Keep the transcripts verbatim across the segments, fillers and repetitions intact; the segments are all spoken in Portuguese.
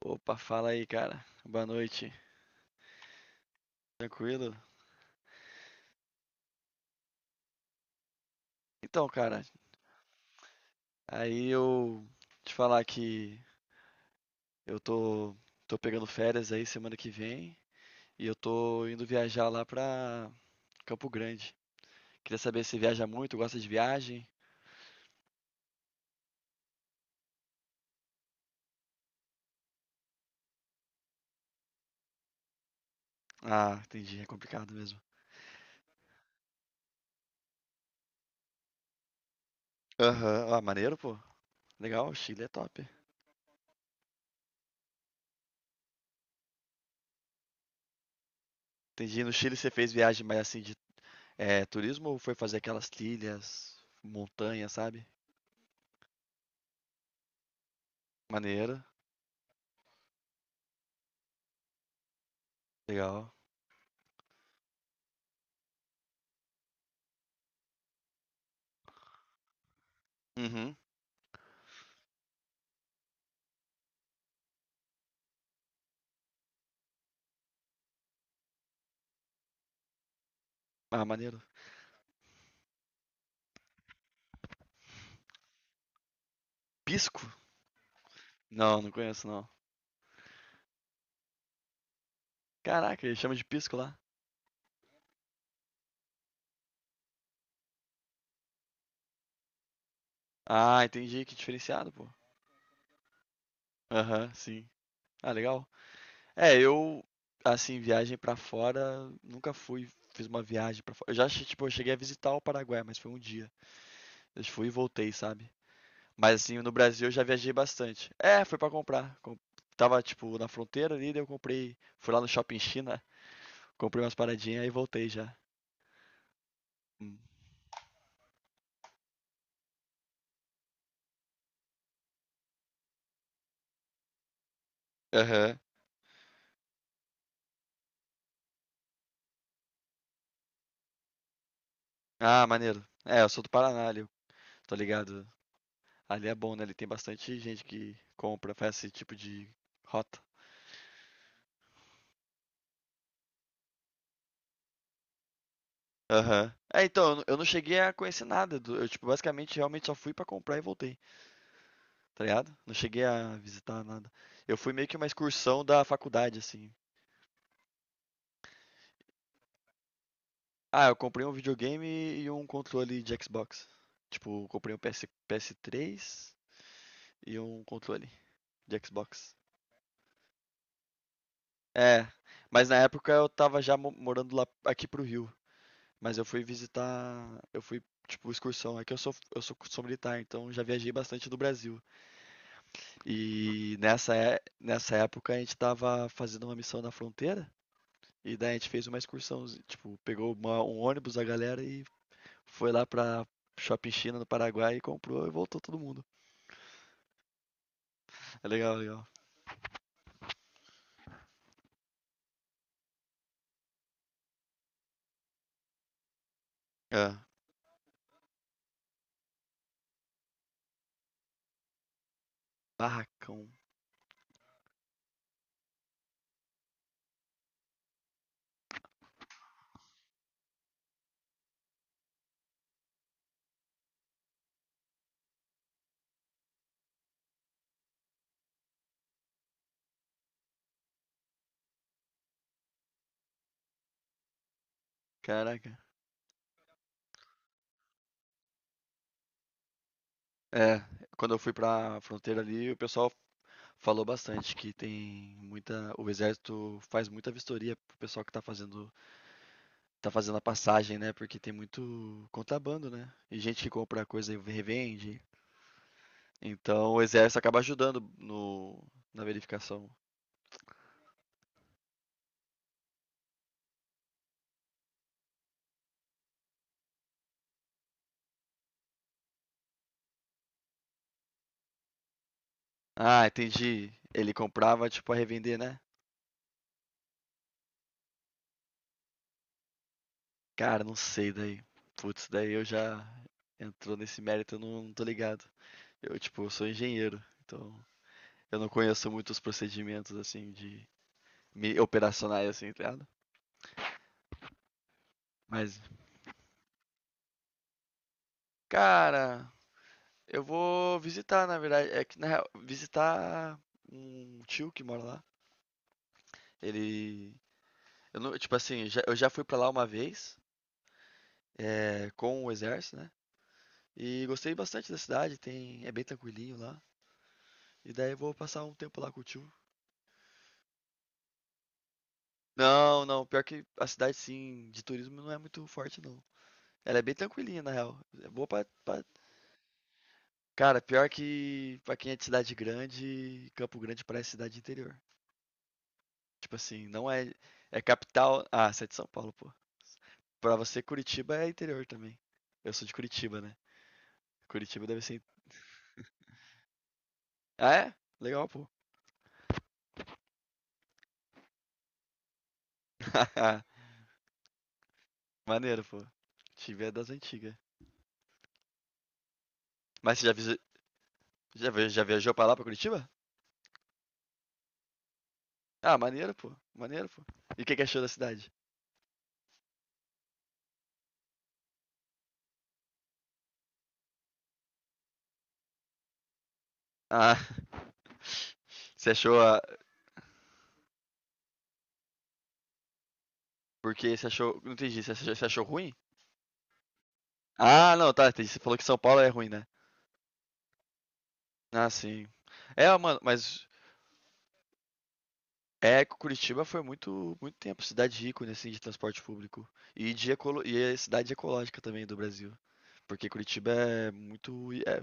Opa, fala aí, cara. Boa noite. Tranquilo? Então, cara, aí eu te falar que eu tô, tô pegando férias aí semana que vem e eu tô indo viajar lá pra Campo Grande. Queria saber se viaja muito, gosta de viagem. Ah, entendi, é complicado mesmo. Aham. Ah, maneiro, pô. Legal, o Chile é top. Entendi, no Chile você fez viagem mais assim de é, turismo ou foi fazer aquelas trilhas, montanha, sabe? Maneiro, legal. Uhum. Ah, maneiro. Pisco? Não, não conheço não. Caraca, ele chama de pisco lá. Ah, entendi, que diferenciado, pô. Aham, sim. Ah, legal. É, eu, assim, viagem pra fora, nunca fui, fiz uma viagem pra fora. Eu já, che- tipo, eu cheguei a visitar o Paraguai, mas foi um dia. Eu fui e voltei, sabe? Mas, assim, no Brasil eu já viajei bastante. É, foi pra comprar. Com- Tava, tipo, na fronteira ali, daí eu comprei. Fui lá no Shopping China, comprei umas paradinhas e voltei já. Hum. Aham. Ah, maneiro. É, eu sou do Paraná, ali, eu tô ligado. Ali é bom, né? Ali tem bastante gente que compra, faz esse tipo de rota. Aham. É, então, eu não- eu não cheguei a conhecer nada. do- Eu, tipo, basicamente, realmente só fui pra comprar e voltei, tá ligado? Não cheguei a visitar nada. Eu fui meio que uma excursão da faculdade, assim. Ah, eu comprei um videogame e um controle de Xbox. Tipo, eu comprei um PS, P S três e um controle de Xbox. É, mas na época eu tava já mo- morando lá aqui pro Rio. Mas eu fui visitar, eu fui, tipo, excursão. É que eu sou, eu sou, sou militar, então já viajei bastante do Brasil. E nessa, é- nessa época a gente tava fazendo uma missão na fronteira. E daí a gente fez uma excursão, tipo, pegou uma- um ônibus da galera e foi lá pra Shopping China no Paraguai e comprou e voltou todo mundo. É, legal, legal. É, barracão. Caraca. É, quando eu fui pra fronteira ali, o pessoal falou bastante que tem muita, o exército faz muita vistoria pro pessoal que tá fazendo Tá fazendo a passagem, né, porque tem muito contrabando, né, e gente que compra coisa e revende, então o exército acaba ajudando no na verificação. Ah, entendi, ele comprava, tipo, a revender, né? Cara, não sei daí, putz, daí eu já entrou nesse mérito, eu não não tô ligado. Eu, tipo, eu sou engenheiro, então eu não conheço muito os procedimentos, assim, de me operacionais, assim, tá ligado? Mas, cara, eu vou visitar, na verdade. É que, na real, visitar um tio que mora lá. Ele. Eu não- tipo assim, já- eu já fui pra lá uma vez, é, com o exército, né? E gostei bastante da cidade, tem, é bem tranquilinho lá. E daí eu vou passar um tempo lá com o tio. Não, não, pior que a cidade, sim, de turismo não é muito forte, não. Ela é bem tranquilinha, na real. É boa pra, pra... Cara, pior que pra quem é de cidade grande, Campo Grande parece cidade de interior. Tipo assim, não é é capital. Ah, você é de São Paulo, pô. Pra você, Curitiba é interior também. Eu sou de Curitiba, né. Curitiba deve ser ah, é? Legal, pô. Maneiro, pô. Curitiba é das antigas. Mas você já visi já via já viajou pra lá, pra Curitiba? Ah, maneiro, pô. Maneiro, pô. E o que que achou da cidade? Ah, você achou a porque você achou, não entendi, você achou você achou ruim? Ah, não, tá, entendi. Você falou que São Paulo é ruim, né. Ah, sim. É, mano, mas é, Cu- Curitiba foi muito, muito tempo cidade ícone assim de transporte público e de ecolo... e é cidade ecológica também do Brasil, porque Curitiba é muito é,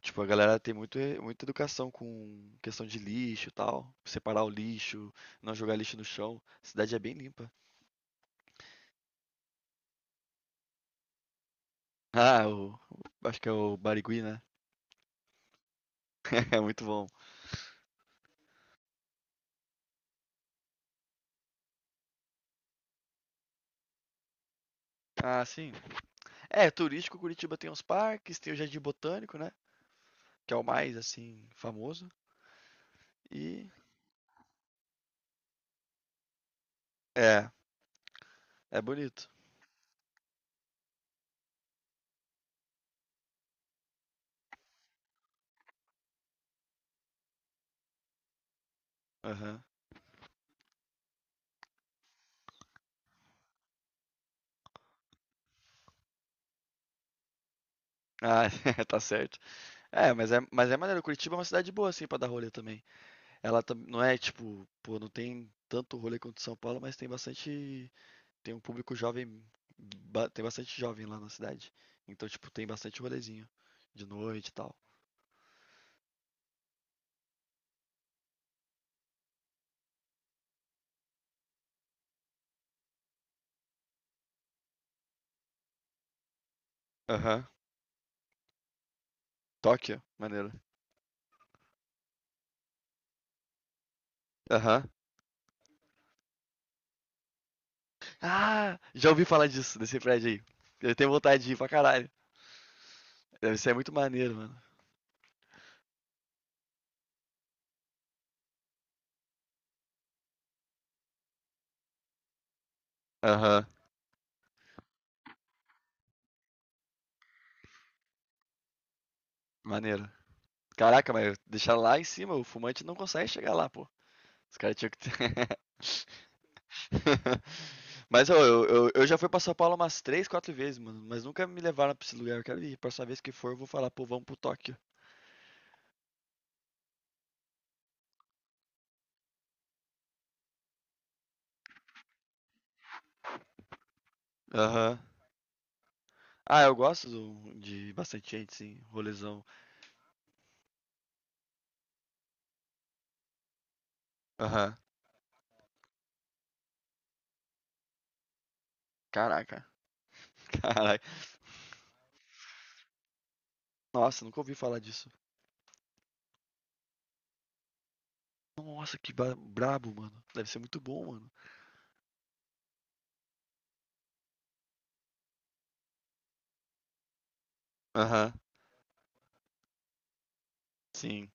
tipo a galera tem muito, e- muita educação com questão de lixo e tal, separar o lixo, não jogar lixo no chão. A cidade é bem limpa. Ah, o... o- acho que é o Barigui, né? É muito bom. Ah, sim. É, turístico Curitiba tem os parques, tem o Jardim Botânico, né? Que é o mais assim famoso e é, é bonito. Aham. Ah, tá certo. É, mas é mas é maneiro, Curitiba é uma cidade boa, assim, pra dar rolê também. Ela tam não é tipo, pô, não tem tanto rolê quanto São Paulo, mas tem bastante, tem um público jovem, ba tem bastante jovem lá na cidade. Então, tipo, tem bastante rolezinho de noite e tal. Aham. Tóquio, maneiro. Aham. Ah, já ouvi falar disso, desse prédio aí. Eu tenho vontade de ir pra caralho. Deve ser muito maneiro, mano. Aham, maneiro. Caraca, mas deixar lá em cima, o fumante não consegue chegar lá, pô. Os caras tinham que ter. Mas ô, eu, eu, eu já fui pra São Paulo umas três, quatro vezes, mano. Mas nunca me levaram pra esse lugar. Eu quero ir. Próxima vez que for, eu vou falar, pô, vamos pro Tóquio. Aham. Ah, eu gosto do- de bastante gente, sim. Rolezão. Aham. Caraca. Caraca. Nossa, nunca ouvi falar disso. Nossa, que ba- brabo, mano. Deve ser muito bom, mano. Aham. Sim.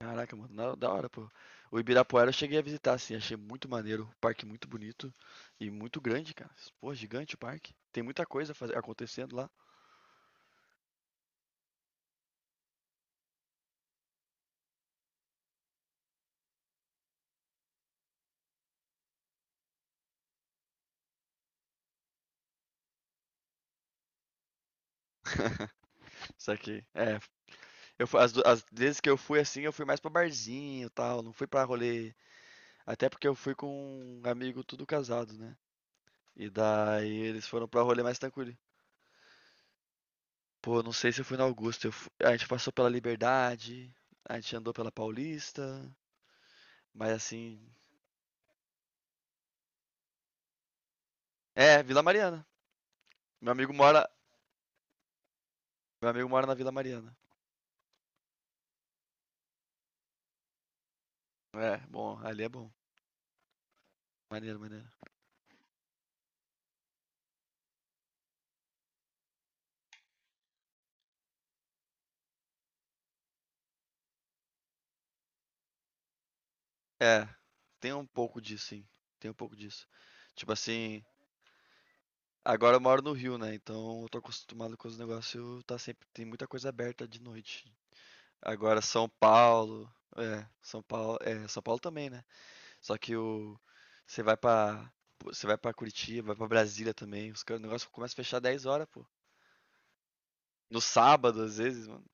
Caraca, mano, na- da hora, pô. O Ibirapuera eu cheguei a visitar, assim, achei muito maneiro, o parque muito bonito e muito grande, cara. Pô, gigante o parque. Tem muita coisa faze- acontecendo lá. Só que, é, eu, fu- as, du- as vezes que eu fui assim, eu fui mais pra barzinho e tal, não fui pra rolê. Até porque eu fui com um amigo tudo casado, né? E daí eles foram pra rolê mais tranquilo. Pô, não sei se eu fui na Augusta, eu fu- a gente passou pela Liberdade, a gente andou pela Paulista, mas assim. É, Vila Mariana. Meu amigo mora, Meu amigo mora na Vila Mariana. É, bom, ali é bom. Maneiro, maneiro. É, tem um pouco disso, sim. Tem um pouco disso. Tipo assim, agora eu moro no Rio, né? Então eu tô acostumado com os negócios, tá sempre, tem muita coisa aberta de noite. Agora São Paulo, é, São Paulo, é, São Paulo também, né? Só que o você vai pra você vai para Curitiba, vai pra Brasília também. Os caras, o negócio começa a fechar dez horas, pô. No sábado, às vezes, mano.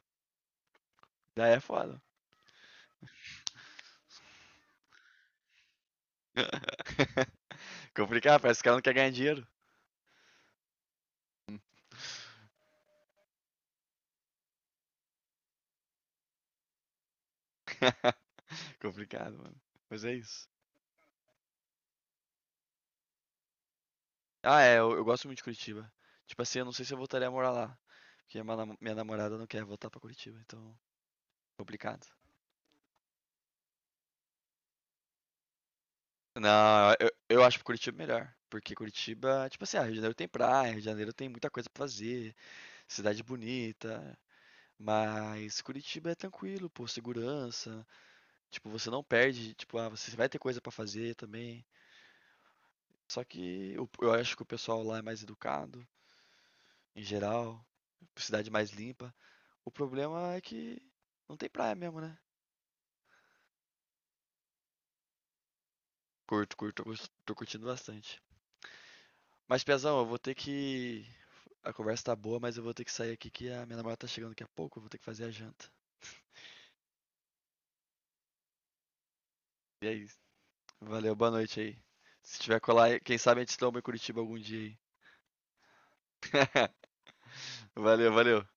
Daí é foda. Complicado, parece que o cara não quer ganhar dinheiro. Que complicado, mano. Mas é isso. Ah, é, eu, eu gosto muito de Curitiba. Tipo assim, eu não sei se eu voltaria a morar lá. Porque minha, nam- minha namorada não quer voltar pra Curitiba, então complicado. Não, eu, eu acho Curitiba melhor. Porque Curitiba, tipo assim, ah, Rio de Janeiro tem praia, Rio de Janeiro tem muita coisa pra fazer, cidade bonita. Mas Curitiba é tranquilo, pô, segurança. Tipo, você não perde, tipo, ah, você vai ter coisa pra fazer também. Só que o- eu acho que o pessoal lá é mais educado, em geral. Cidade mais limpa. O problema é que não tem praia mesmo, né? Curto, curto, eu gost- tô curtindo bastante. Mas, Pezão, eu vou ter que. A conversa tá boa, mas eu vou ter que sair aqui que a minha namorada tá chegando daqui a pouco, eu vou ter que fazer a janta. E é isso. Valeu, boa noite aí. Se tiver colar, quem sabe a gente toma em Curitiba algum dia aí. Valeu, valeu.